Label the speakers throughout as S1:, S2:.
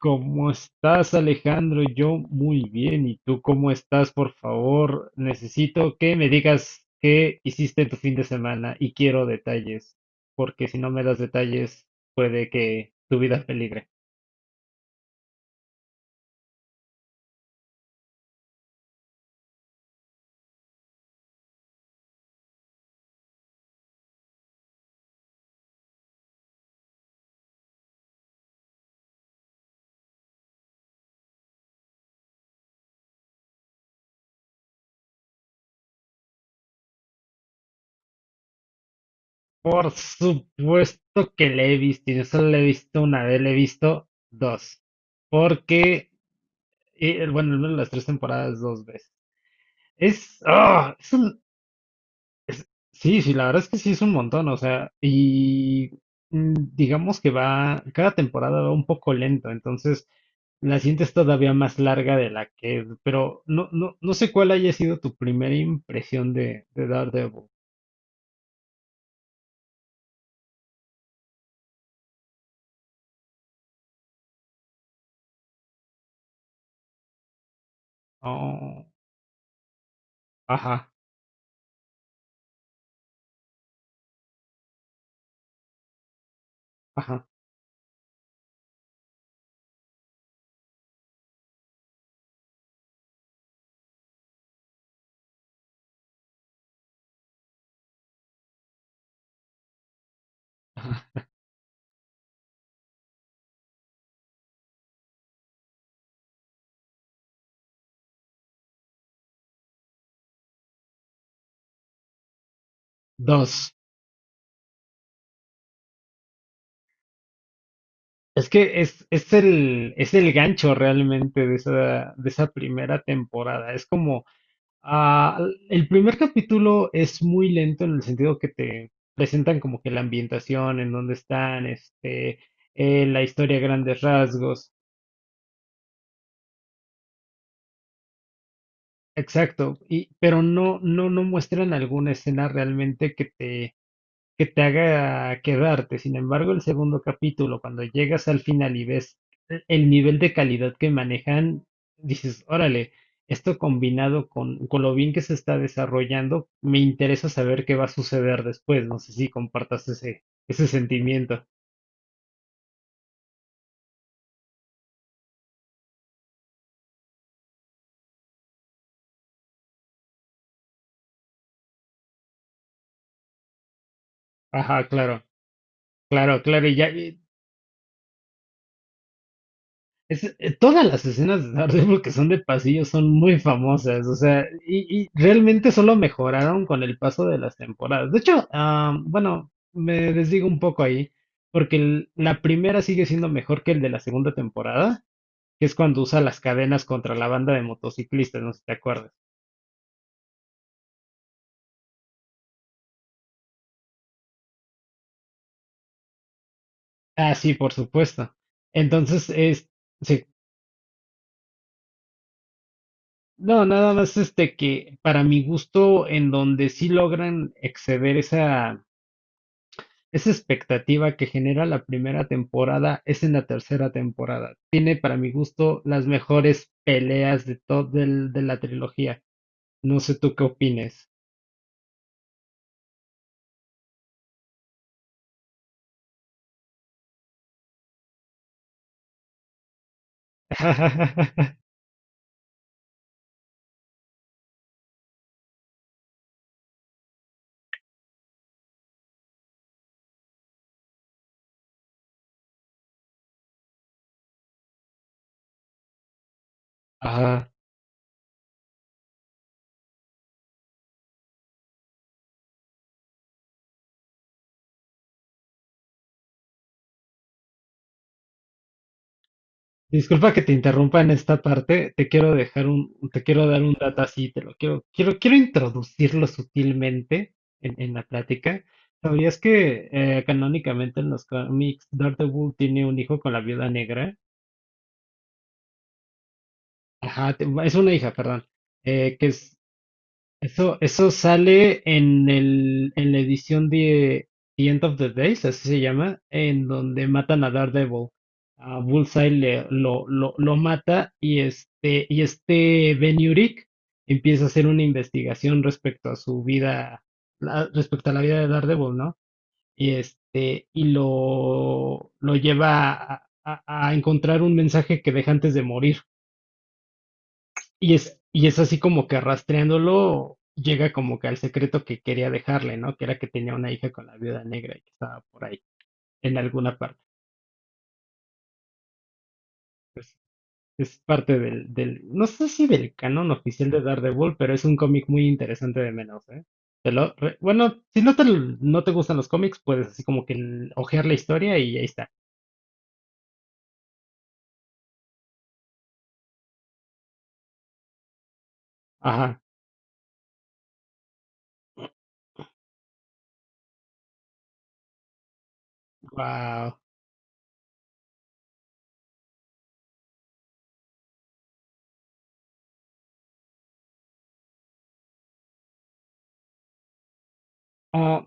S1: ¿Cómo estás, Alejandro? Yo muy bien. ¿Y tú cómo estás? Por favor, necesito que me digas qué hiciste en tu fin de semana y quiero detalles, porque si no me das detalles, puede que tu vida peligre. Por supuesto que le he visto, y no solo le he visto una vez, le he visto dos, porque, bueno, al menos las tres temporadas dos veces. Es, ¡ah!, es un. Es- sí, sí, la verdad es que sí es un montón, o sea, y digamos que va, cada temporada va un poco lento, entonces la sientes todavía más larga de la que, es, pero no sé cuál haya sido tu primera impresión de Daredevil. Oh, ajá, ajá. Dos. Es que es el gancho realmente de esa primera temporada. Es como. Ah, el primer capítulo es muy lento en el sentido que te presentan como que la ambientación, en dónde están, este, la historia a grandes rasgos, exacto, y, pero no muestran alguna escena realmente que te haga quedarte. Sin embargo, el segundo capítulo, cuando llegas al final y ves el nivel de calidad que manejan, dices, órale, esto combinado con lo bien que se está desarrollando, me interesa saber qué va a suceder después. No sé si compartas ese, ese sentimiento. Ajá, claro, claro, claro. Y ya, es, todas las escenas de Daredevil que son de pasillo son muy famosas, o sea, y realmente solo mejoraron con el paso de las temporadas. De hecho, ah, bueno, me desdigo un poco ahí, porque la primera sigue siendo mejor que el de la segunda temporada, que es cuando usa las cadenas contra la banda de motociclistas, no sé si te acuerdas. Ah, sí, por supuesto. Entonces, es, sí, no, nada más este que para mi gusto, en donde sí logran exceder esa esa expectativa que genera la primera temporada es en la tercera temporada. Tiene para mi gusto las mejores peleas de todo de la trilogía. No sé tú qué opines. Ah, disculpa que te interrumpa en esta parte. Te quiero dejar un, te quiero dar un dato así, te lo quiero, quiero introducirlo sutilmente en la plática. ¿Sabías que canónicamente en los cómics Daredevil tiene un hijo con la viuda negra? Ajá, es una hija, perdón. Eh, que eso, eso sale en el, en la edición de The End of the Days, así se llama, en donde matan a Daredevil. A Bullseye lo mata y este Ben Urich empieza a hacer una investigación respecto a su vida, respecto a la vida de Daredevil, ¿no? Y este, y lo lleva a, a- a encontrar un mensaje que deja antes de morir. Y es así como que rastreándolo llega como que al secreto que quería dejarle, ¿no? Que era que tenía una hija con la viuda negra y que estaba por ahí, en alguna parte. Es parte del, del, no sé si del canon oficial de Daredevil, pero es un cómic muy interesante de menos, ¿eh? Bueno, si no te, no te gustan los cómics, puedes así como que ojear la historia y ahí está. Ajá. Wow.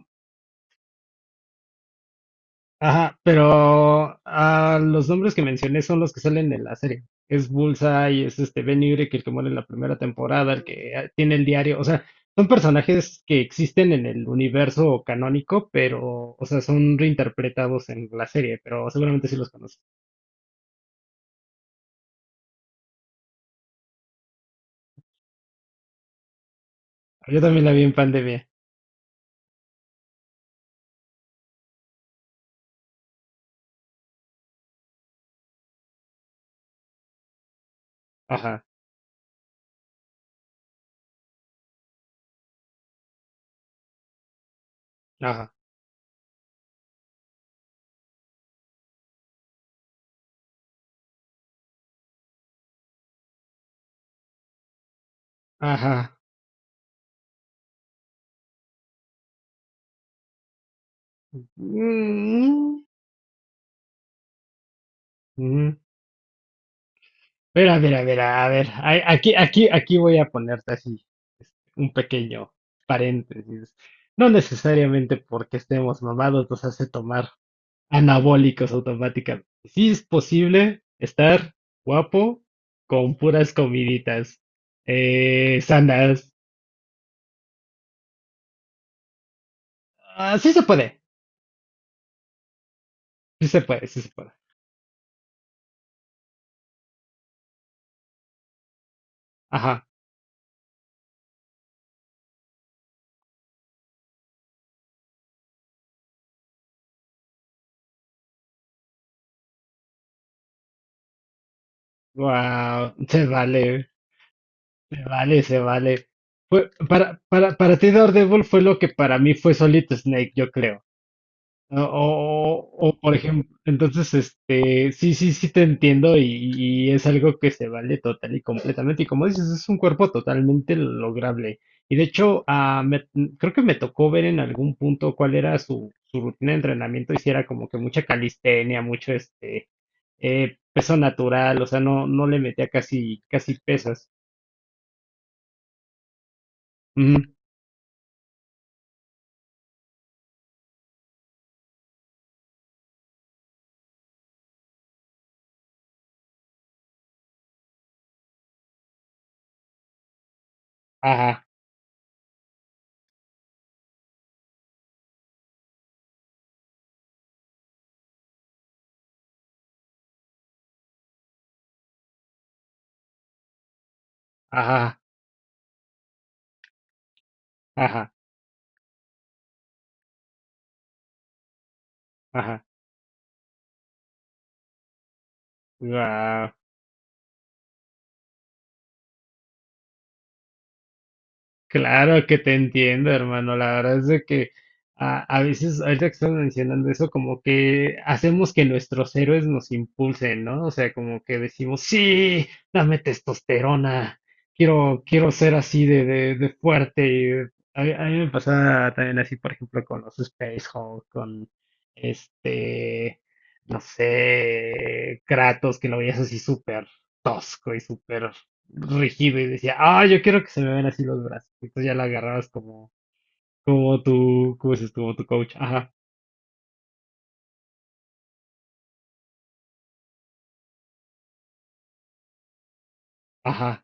S1: Ajá, pero ah, los nombres que mencioné son los que salen en la serie. Es Bullseye, es este Ben Urich, el que muere en la primera temporada, el que ah, tiene el diario. O sea, son personajes que existen en el universo canónico, pero, o sea, son reinterpretados en la serie, pero seguramente sí los conoces. Ah, yo también la vi en pandemia. Ajá, ajá, ajá. Mm, ujú. Mira, mira, mira, a ver, ay, aquí, aquí, aquí voy a ponerte así este, un pequeño paréntesis. No necesariamente porque estemos mamados nos hace tomar anabólicos automáticamente. Sí es posible estar guapo con puras comiditas sanas. Ah, sí se puede, sí se puede, sí se puede. Ajá, wow, se vale, se vale, se vale. Para ti Daredevil fue lo que para mí fue Solid Snake, yo creo. Ah, o, por ejemplo, entonces, este, sí, sí, sí te entiendo y es algo que se vale total y completamente. Y como dices, es un cuerpo totalmente lograble. Y de hecho, ah, creo que me tocó ver en algún punto cuál era su, su rutina de entrenamiento y si era como que mucha calistenia, mucho este, peso natural, o sea, no le metía casi, casi pesas. Ujú. Ajá, ajá, ajá, ajá. Guau. Claro que te entiendo, hermano. La verdad es de que a veces, ahorita que estás mencionando eso, como que hacemos que nuestros héroes nos impulsen, ¿no? O sea, como que decimos, sí, dame testosterona, quiero, quiero ser así de fuerte. A mí me pasa también así, por ejemplo, con los Space Hulk, con este, no sé, Kratos, que lo veías así súper tosco y súper rigido y decía, ah, yo quiero que se me vean así los brazos. Entonces ya la agarrabas como, como tu, como dices, como tu coach. Ajá, ajá,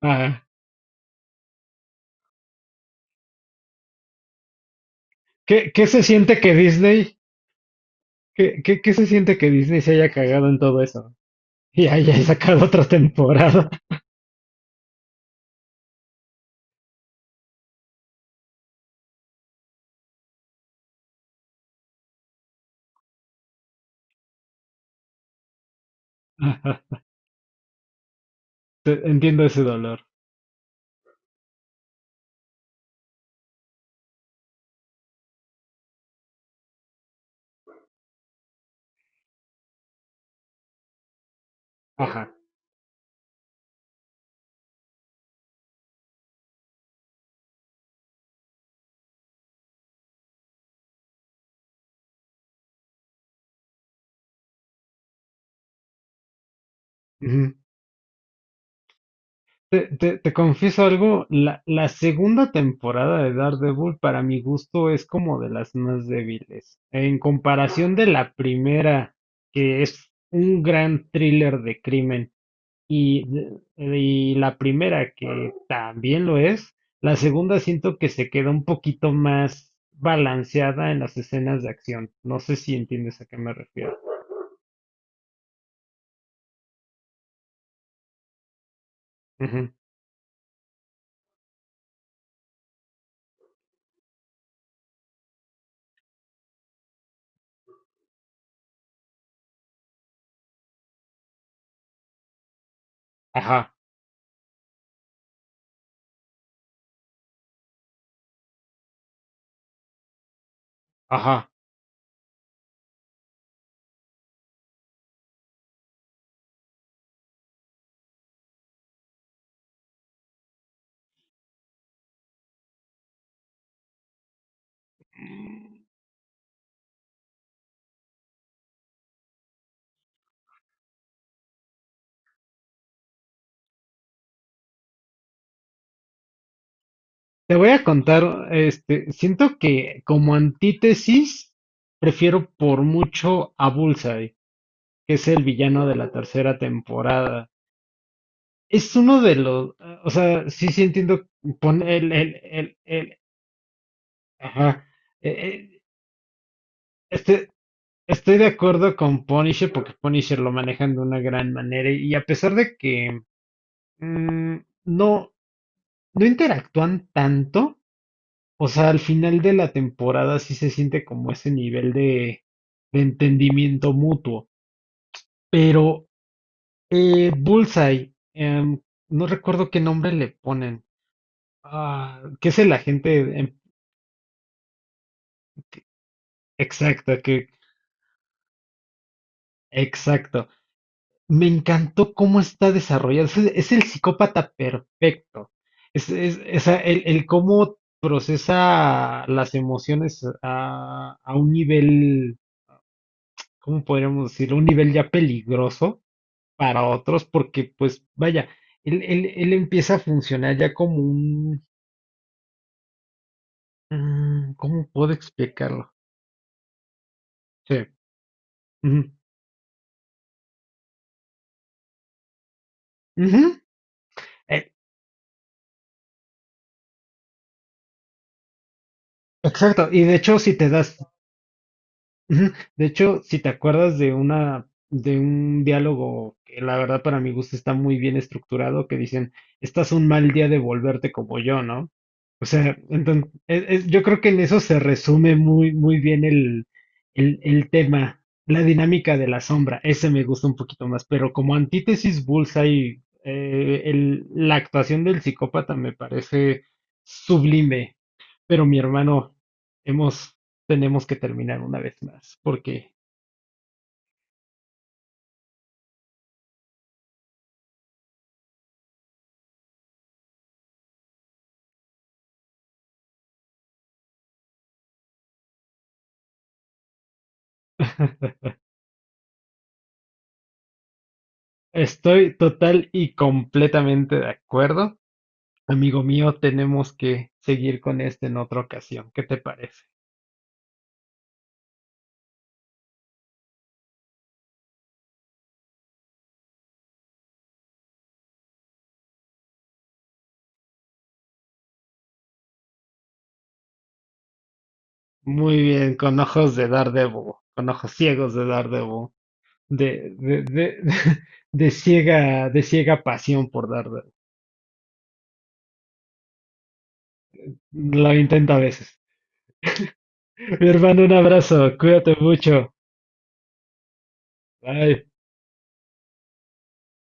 S1: ajá. ¿Qué, qué se siente que Disney, qué, qué se siente que Disney se haya cagado en todo eso? Y haya sacado otra temporada. Ajá. Entiendo ese dolor. Ajá. Ujú. Te, te confieso algo, la segunda temporada de Daredevil para mi gusto es como de las más débiles. En comparación de la primera, que es un gran thriller de crimen, y, y la primera que también lo es, la segunda siento que se queda un poquito más balanceada en las escenas de acción. No sé si entiendes a qué me refiero. Ujú. Ajá, ajá. Te voy a contar, este, siento que como antítesis prefiero por mucho a Bullseye, que es el villano de la tercera temporada. Es uno de los, o sea, sí, sí entiendo, el, el, ajá, eh, eh, este, estoy de acuerdo con Punisher porque Punisher lo manejan de una gran manera y a pesar de que mm, no, no interactúan tanto. O sea, al final de la temporada sí se siente como ese nivel de entendimiento mutuo. Pero Bullseye, no recuerdo qué nombre le ponen. Ah, ¿qué es el agente? Exacto, que, exacto. Me encantó cómo está desarrollado. Es el psicópata perfecto. Es, el cómo procesa las emociones a un nivel, ¿cómo podríamos decirlo? Un nivel ya peligroso para otros, porque pues vaya, él, él empieza a funcionar ya como un... ¿cómo puedo explicarlo? Sí. ujú, ujú, eh, exacto, y de hecho si te das, ujú. De hecho, si te acuerdas de una, de un diálogo que la verdad para mi gusto está muy bien estructurado, que dicen, estás un mal día de volverte como yo, ¿no? O sea, entonces, yo creo que en eso se resume muy, muy bien el tema, la dinámica de la sombra, ese me gusta un poquito más, pero como antítesis Bullseye, la actuación del psicópata me parece sublime. Pero mi hermano, hemos, tenemos que terminar una vez más, porque estoy total y completamente de acuerdo. Amigo mío, tenemos que seguir con este en otra ocasión. ¿Qué te parece? Muy bien, con ojos de Daredevil, con ojos ciegos de Daredevil, de, de ciega pasión por Daredevil. Lo intento a veces. Mi hermano, un abrazo, cuídate mucho. Bye.